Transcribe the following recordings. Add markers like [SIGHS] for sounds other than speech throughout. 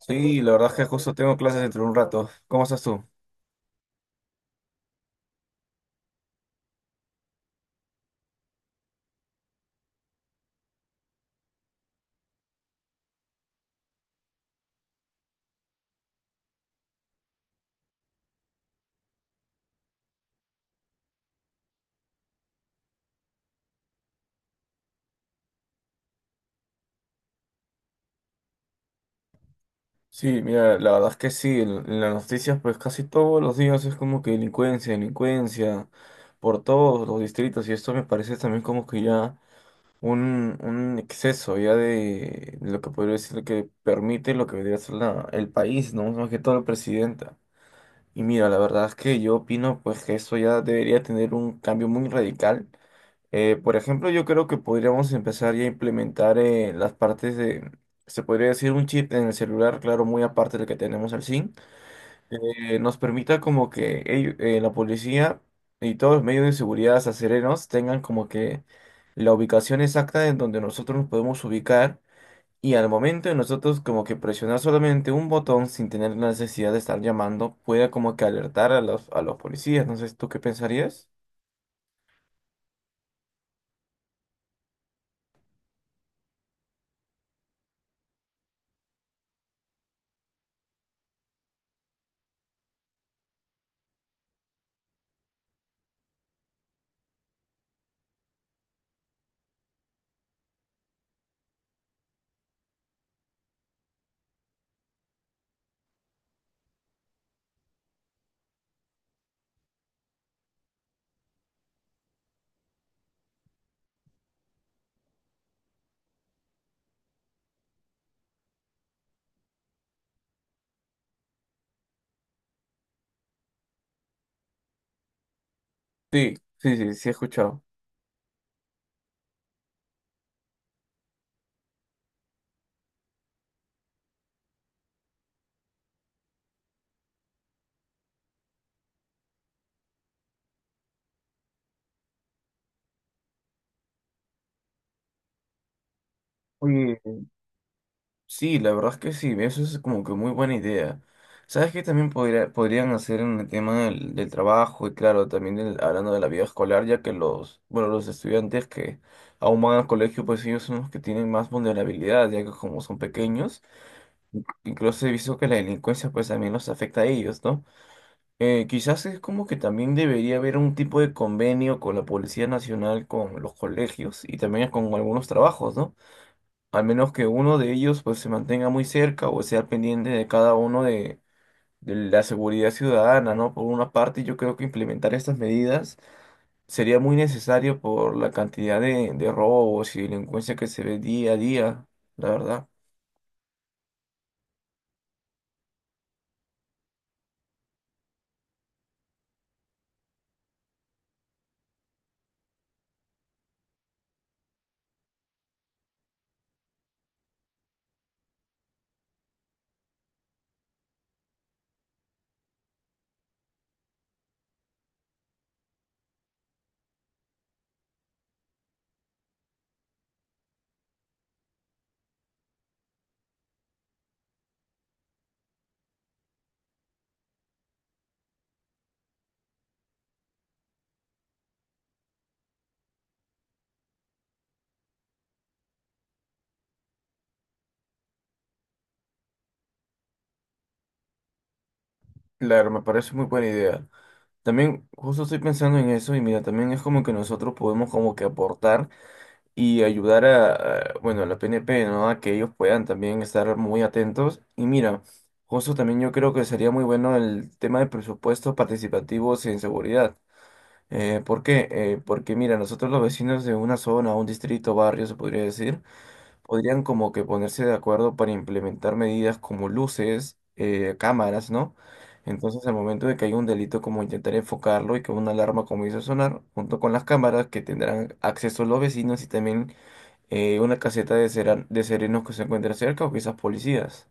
Sí, la verdad es que justo tengo clases dentro de un rato. ¿Cómo estás tú? Sí, mira, la verdad es que sí, en las noticias pues casi todos los días es como que delincuencia, delincuencia, por todos los distritos, y esto me parece también como que ya un exceso ya de lo que podría decir que permite lo que debería ser el país, ¿no? Más que todo la presidenta. Y mira, la verdad es que yo opino pues que eso ya debería tener un cambio muy radical. Por ejemplo, yo creo que podríamos empezar ya a implementar las partes de, se podría decir, un chip en el celular, claro, muy aparte del que tenemos al SIM, que nos permita como que la policía y todos los medios de seguridad acereros tengan como que la ubicación exacta en donde nosotros nos podemos ubicar, y al momento de nosotros como que presionar solamente un botón sin tener la necesidad de estar llamando, pueda como que alertar a los, policías. No sé, ¿tú qué pensarías? Sí, sí, sí, sí he escuchado. Sí, la verdad es que sí, eso es como que muy buena idea. ¿Sabes qué también podrían hacer en el tema del trabajo y, claro, también hablando de la vida escolar, ya que los, bueno, los estudiantes que aún van al colegio, pues ellos son los que tienen más vulnerabilidad, ya que como son pequeños, incluso he visto que la delincuencia pues también los afecta a ellos, ¿no? Quizás es como que también debería haber un tipo de convenio con la Policía Nacional, con los colegios y también con algunos trabajos, ¿no? Al menos que uno de ellos pues se mantenga muy cerca o sea pendiente de cada uno de, la seguridad ciudadana, ¿no? Por una parte, yo creo que implementar estas medidas sería muy necesario por la cantidad de robos y delincuencia que se ve día a día, la verdad. Claro, me parece muy buena idea. También justo estoy pensando en eso, y mira, también es como que nosotros podemos como que aportar y ayudar bueno, a la PNP, ¿no? A que ellos puedan también estar muy atentos. Y mira, justo también yo creo que sería muy bueno el tema de presupuestos participativos en seguridad. ¿Por qué? Porque mira, nosotros los vecinos de una zona, un distrito, barrio, se podría decir, podrían como que ponerse de acuerdo para implementar medidas como luces, cámaras, ¿no? Entonces, al momento de que hay un delito, como intentar enfocarlo y que una alarma comience a sonar, junto con las cámaras que tendrán acceso los vecinos y también una caseta de serenos que se encuentra cerca, o quizás policías.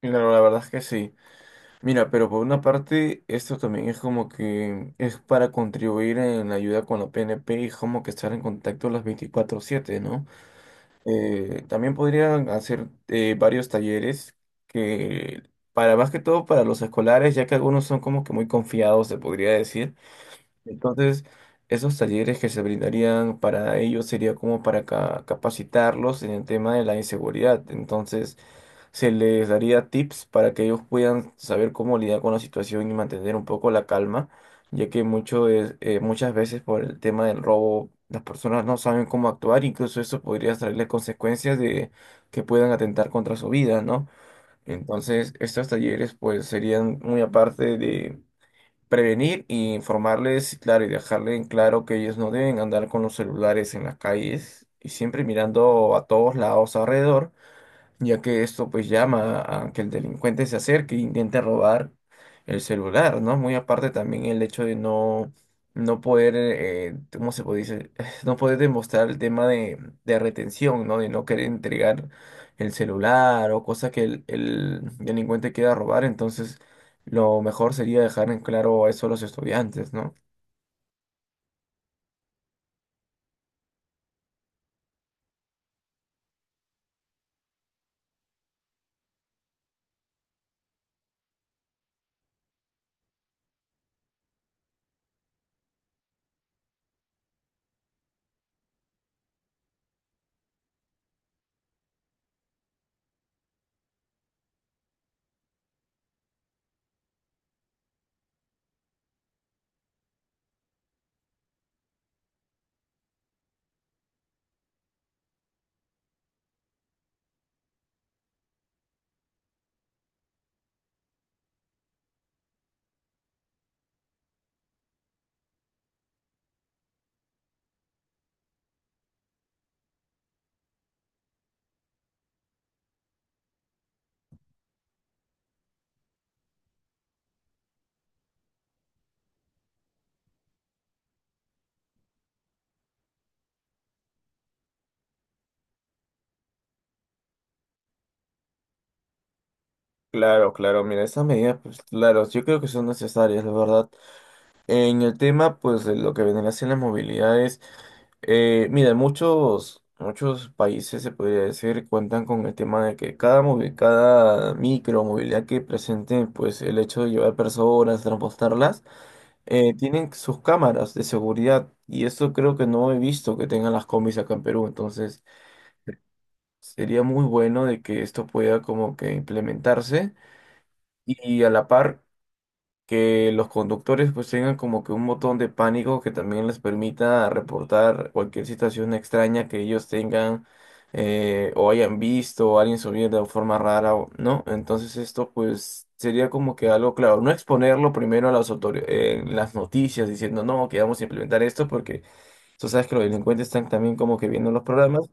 Claro, la verdad es que sí. Mira, pero por una parte, esto también es como que es para contribuir en la ayuda con la PNP y como que estar en contacto las 24/7, ¿no? También podrían hacer varios talleres que, para más que todo para los escolares, ya que algunos son como que muy confiados, se podría decir. Entonces, esos talleres que se brindarían para ellos sería como para capacitarlos en el tema de la inseguridad. Entonces, se les daría tips para que ellos puedan saber cómo lidiar con la situación y mantener un poco la calma, ya que muchas veces por el tema del robo las personas no saben cómo actuar, incluso eso podría traerles consecuencias de que puedan atentar contra su vida, ¿no? Entonces, estos talleres pues serían muy aparte, prevenir y informarles, claro, y dejarle en claro que ellos no deben andar con los celulares en las calles y siempre mirando a todos lados alrededor, ya que esto pues llama a que el delincuente se acerque e intente robar el celular, ¿no? Muy aparte también el hecho de no poder, ¿cómo se puede decir? [SIGHS] No poder demostrar el tema de, retención, ¿no? De no querer entregar el celular o cosa que el delincuente quiera robar, entonces lo mejor sería dejar en claro eso a los estudiantes, ¿no? Claro, claro, mira, esas medidas, pues claro, yo creo que son necesarias, la verdad. En el tema, pues, de lo que vendría siendo las movilidades, mira, muchos países, se podría decir, cuentan con el tema de que cada micro movilidad que presente, pues, el hecho de llevar personas, transportarlas, tienen sus cámaras de seguridad. Y esto creo que no he visto que tengan las combis acá en Perú. Entonces, sería muy bueno de que esto pueda como que implementarse. Y a la par, que los conductores pues tengan como que un botón de pánico que también les permita reportar cualquier situación extraña que ellos tengan, o hayan visto, o alguien subir de forma rara, ¿no? Entonces, esto pues sería como que algo, claro, no exponerlo primero a las autoridades, en las noticias diciendo no, que vamos a implementar esto, porque tú sabes que los delincuentes están también como que viendo los programas.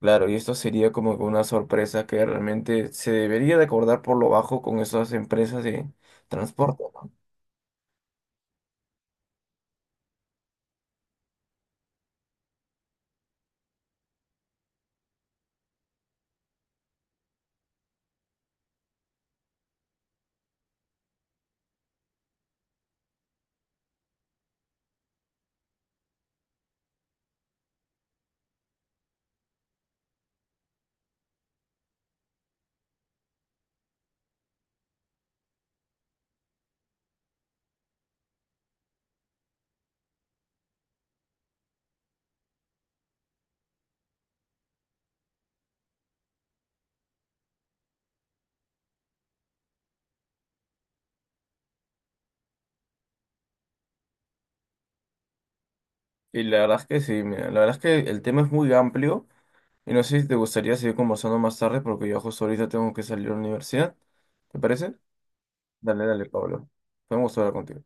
Claro, y esto sería como que una sorpresa que realmente se debería de acordar por lo bajo con esas empresas de transporte. Y la verdad es que sí, mira, la verdad es que el tema es muy amplio y no sé si te gustaría seguir conversando más tarde, porque yo justo ahorita tengo que salir a la universidad. ¿Te parece? Dale, dale, Pablo. Fue un gusto hablar contigo.